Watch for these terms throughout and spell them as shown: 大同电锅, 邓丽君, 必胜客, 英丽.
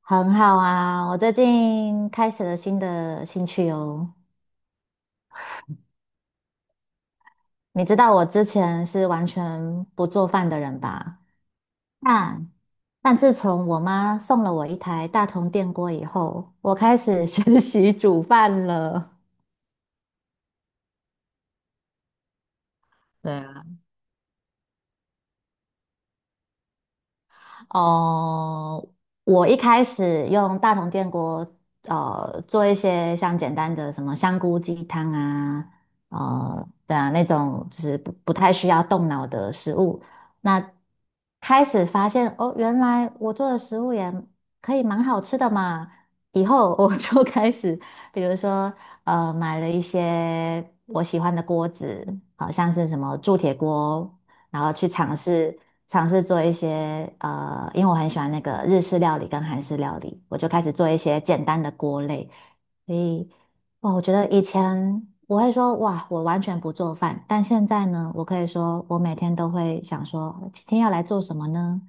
很好啊，我最近开始了新的兴趣哦。你知道我之前是完全不做饭的人吧？但但自从我妈送了我一台大同电锅以后，我开始 学习煮饭了。对哦，我一开始用大同电锅，做一些像简单的什么香菇鸡汤啊，对啊，那种就是不太需要动脑的食物。那开始发现哦，原来我做的食物也可以蛮好吃的嘛。以后我就 开始，比如说买了一些我喜欢的锅子，好像是什么铸铁锅。然后去尝试做一些因为我很喜欢那个日式料理跟韩式料理，我就开始做一些简单的锅类。所以，哇，我觉得以前我会说哇，我完全不做饭，但现在呢，我可以说我每天都会想说今天要来做什么呢？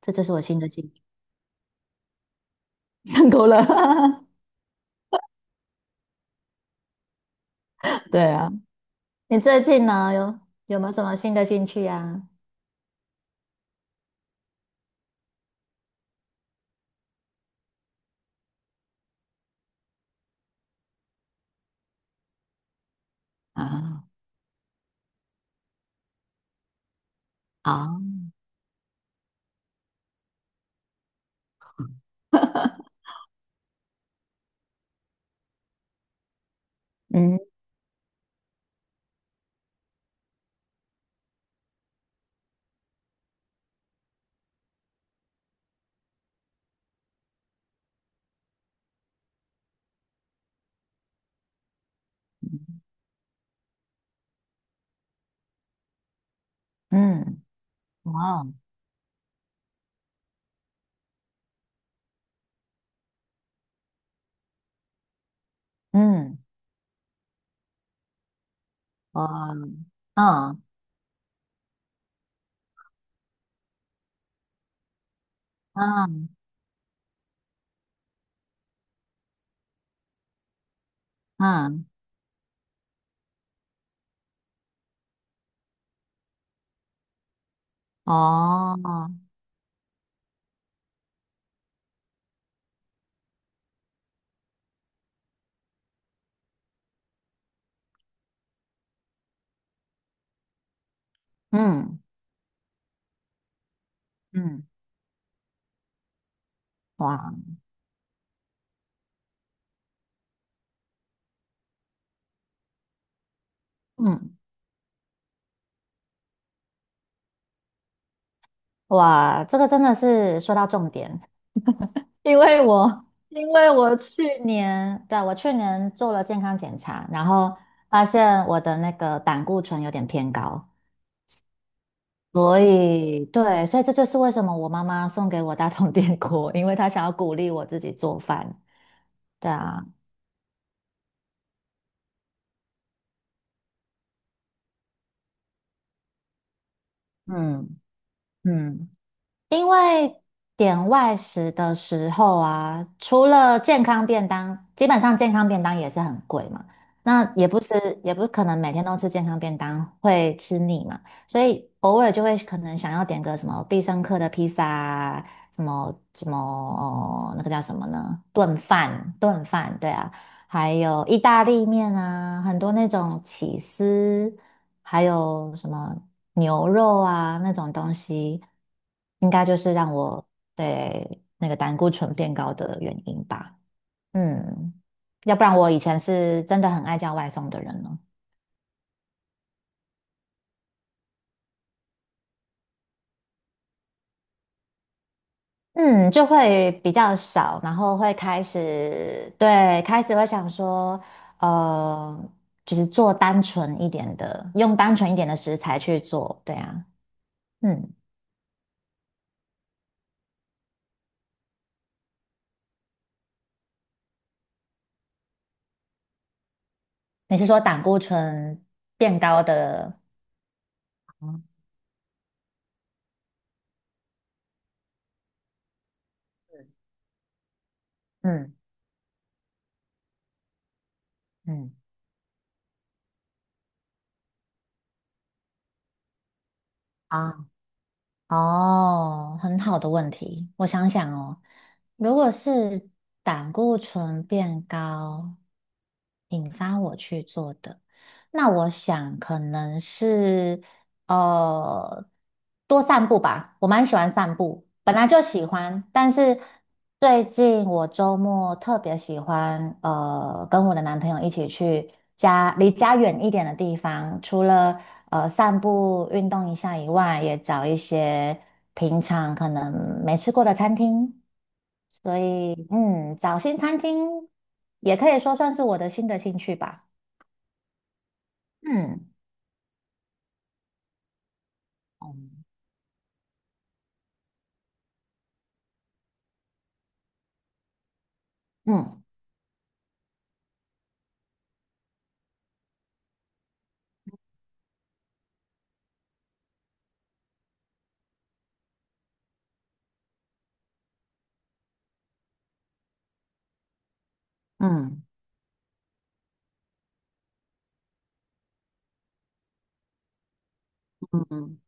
这就是我新的兴趣，看够了。对啊，你最近呢有有没有什么新的兴趣呀、啊？啊，好，嗯嗯，哇哦，嗯，哇，嗯。嗯嗯，哦，嗯嗯，哇，嗯哇，这个真的是说到重点，因为我去年，对啊，我去年做了健康检查，然后发现我的那个胆固醇有点偏高，所以对，所以这就是为什么我妈妈送给我大同电锅，因为她想要鼓励我自己做饭。对啊，嗯嗯。因为点外食的时候啊，除了健康便当，基本上健康便当也是很贵嘛。那也不是，也不可能每天都吃健康便当，会吃腻嘛。所以偶尔就会可能想要点个什么必胜客的披萨啊，什么什么哦那个叫什么呢？炖饭，炖饭，对啊。还有意大利面啊，很多那种起司，还有什么牛肉啊那种东西，应该就是让我对那个胆固醇变高的原因吧。嗯，要不然我以前是真的很爱叫外送的人呢。嗯，就会比较少，然后会开始，对，开始会想说，呃，就是做单纯一点的，用单纯一点的食材去做，对啊，嗯。你是说胆固醇变高的？嗯嗯嗯啊哦，很好的问题。我想想哦，如果是胆固醇变高引发我去做的，那我想可能是呃，多散步吧，我蛮喜欢散步，本来就喜欢，但是最近我周末特别喜欢，跟我的男朋友一起去家离家远一点的地方，除了散步运动一下以外，也找一些平常可能没吃过的餐厅，所以嗯，找新餐厅也可以说算是我的新的兴趣吧，嗯嗯嗯。嗯嗯，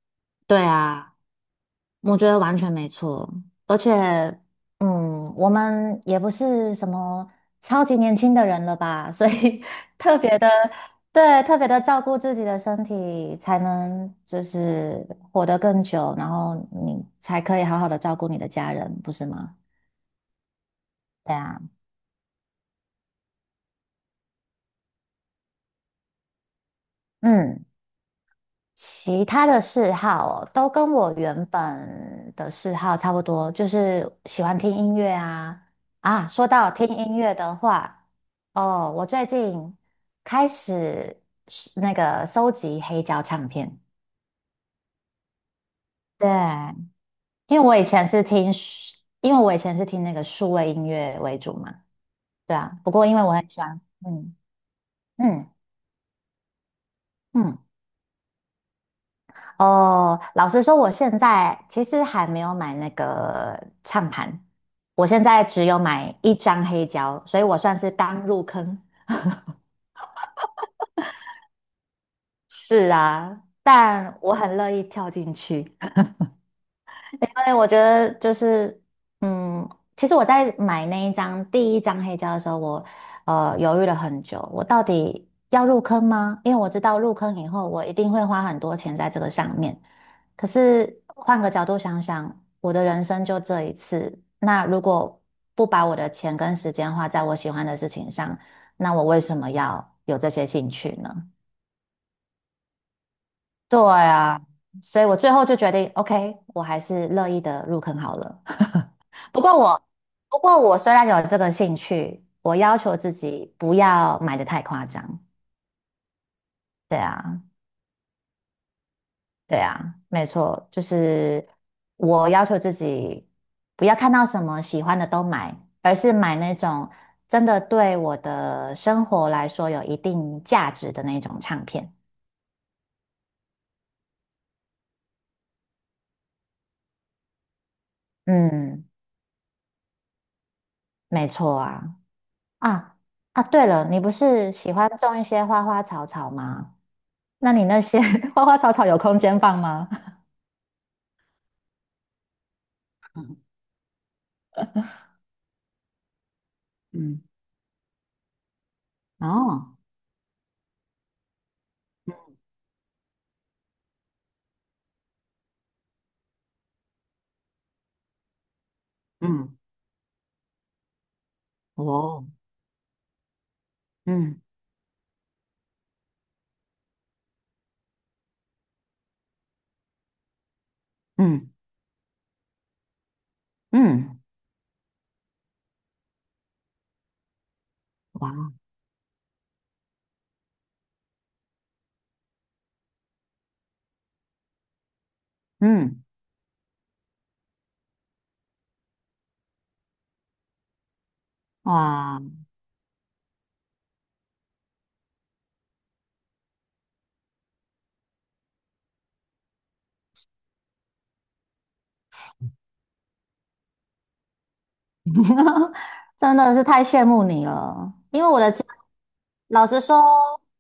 对啊。我觉得完全没错，而且，嗯，我们也不是什么超级年轻的人了吧，所以 特别的，对，特别的照顾自己的身体，才能就是活得更久，然后你才可以好好的照顾你的家人，不是吗？对啊，嗯。其他的嗜好哦，都跟我原本的嗜好差不多，就是喜欢听音乐啊。啊，说到听音乐的话，哦，我最近开始是那个收集黑胶唱片。对，因为我以前是听数，因为我以前是听那个数位音乐为主嘛。对啊，不过因为我很喜欢，嗯嗯嗯。哦，老实说，我现在其实还没有买那个唱盘，我现在只有买一张黑胶，所以我算是刚入坑。是啊，但我很乐意跳进去。对，我觉得就是，嗯，其实我在买那一张第一张黑胶的时候，我犹豫了很久，我到底要入坑吗？因为我知道入坑以后，我一定会花很多钱在这个上面。可是换个角度想想，我的人生就这一次，那如果不把我的钱跟时间花在我喜欢的事情上，那我为什么要有这些兴趣呢？对啊，所以我最后就决定，OK，我还是乐意的入坑好了。不过我，不过我虽然有这个兴趣，我要求自己不要买的太夸张。对啊，对啊，没错，就是我要求自己不要看到什么喜欢的都买，而是买那种真的对我的生活来说有一定价值的那种唱片。嗯，没错啊。啊啊，对了，你不是喜欢种一些花花草草吗？那你那些 花花草草有空间放吗？嗯哦。哦，嗯嗯嗯，哇，嗯哇，真的是太羡慕你了。因为我的家，老实说，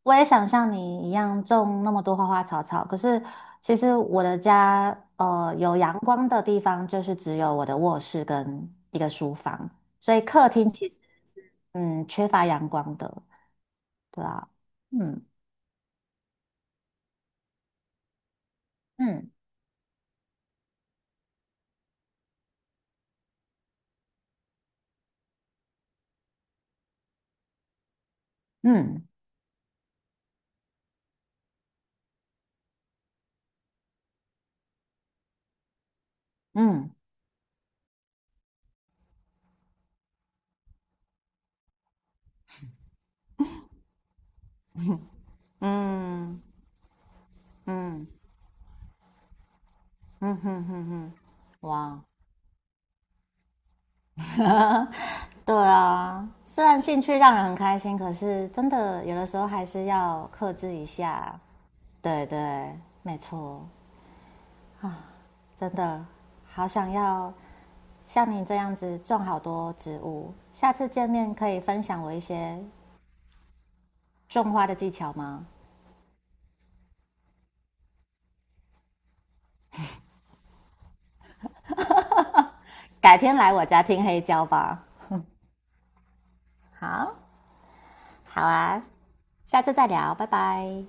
我也想像你一样种那么多花花草草，可是其实我的家，有阳光的地方就是只有我的卧室跟一个书房，所以客厅其实嗯缺乏阳光的，对啊，嗯嗯。嗯嗯嗯嗯嗯嗯哼哼哼，哇，对啊，虽然兴趣让人很开心，可是真的有的时候还是要克制一下。对对，没错，真的好想要像你这样子种好多植物。下次见面可以分享我一些种花的技巧吗？改天来我家听黑胶吧。好，好啊，下次再聊，拜拜。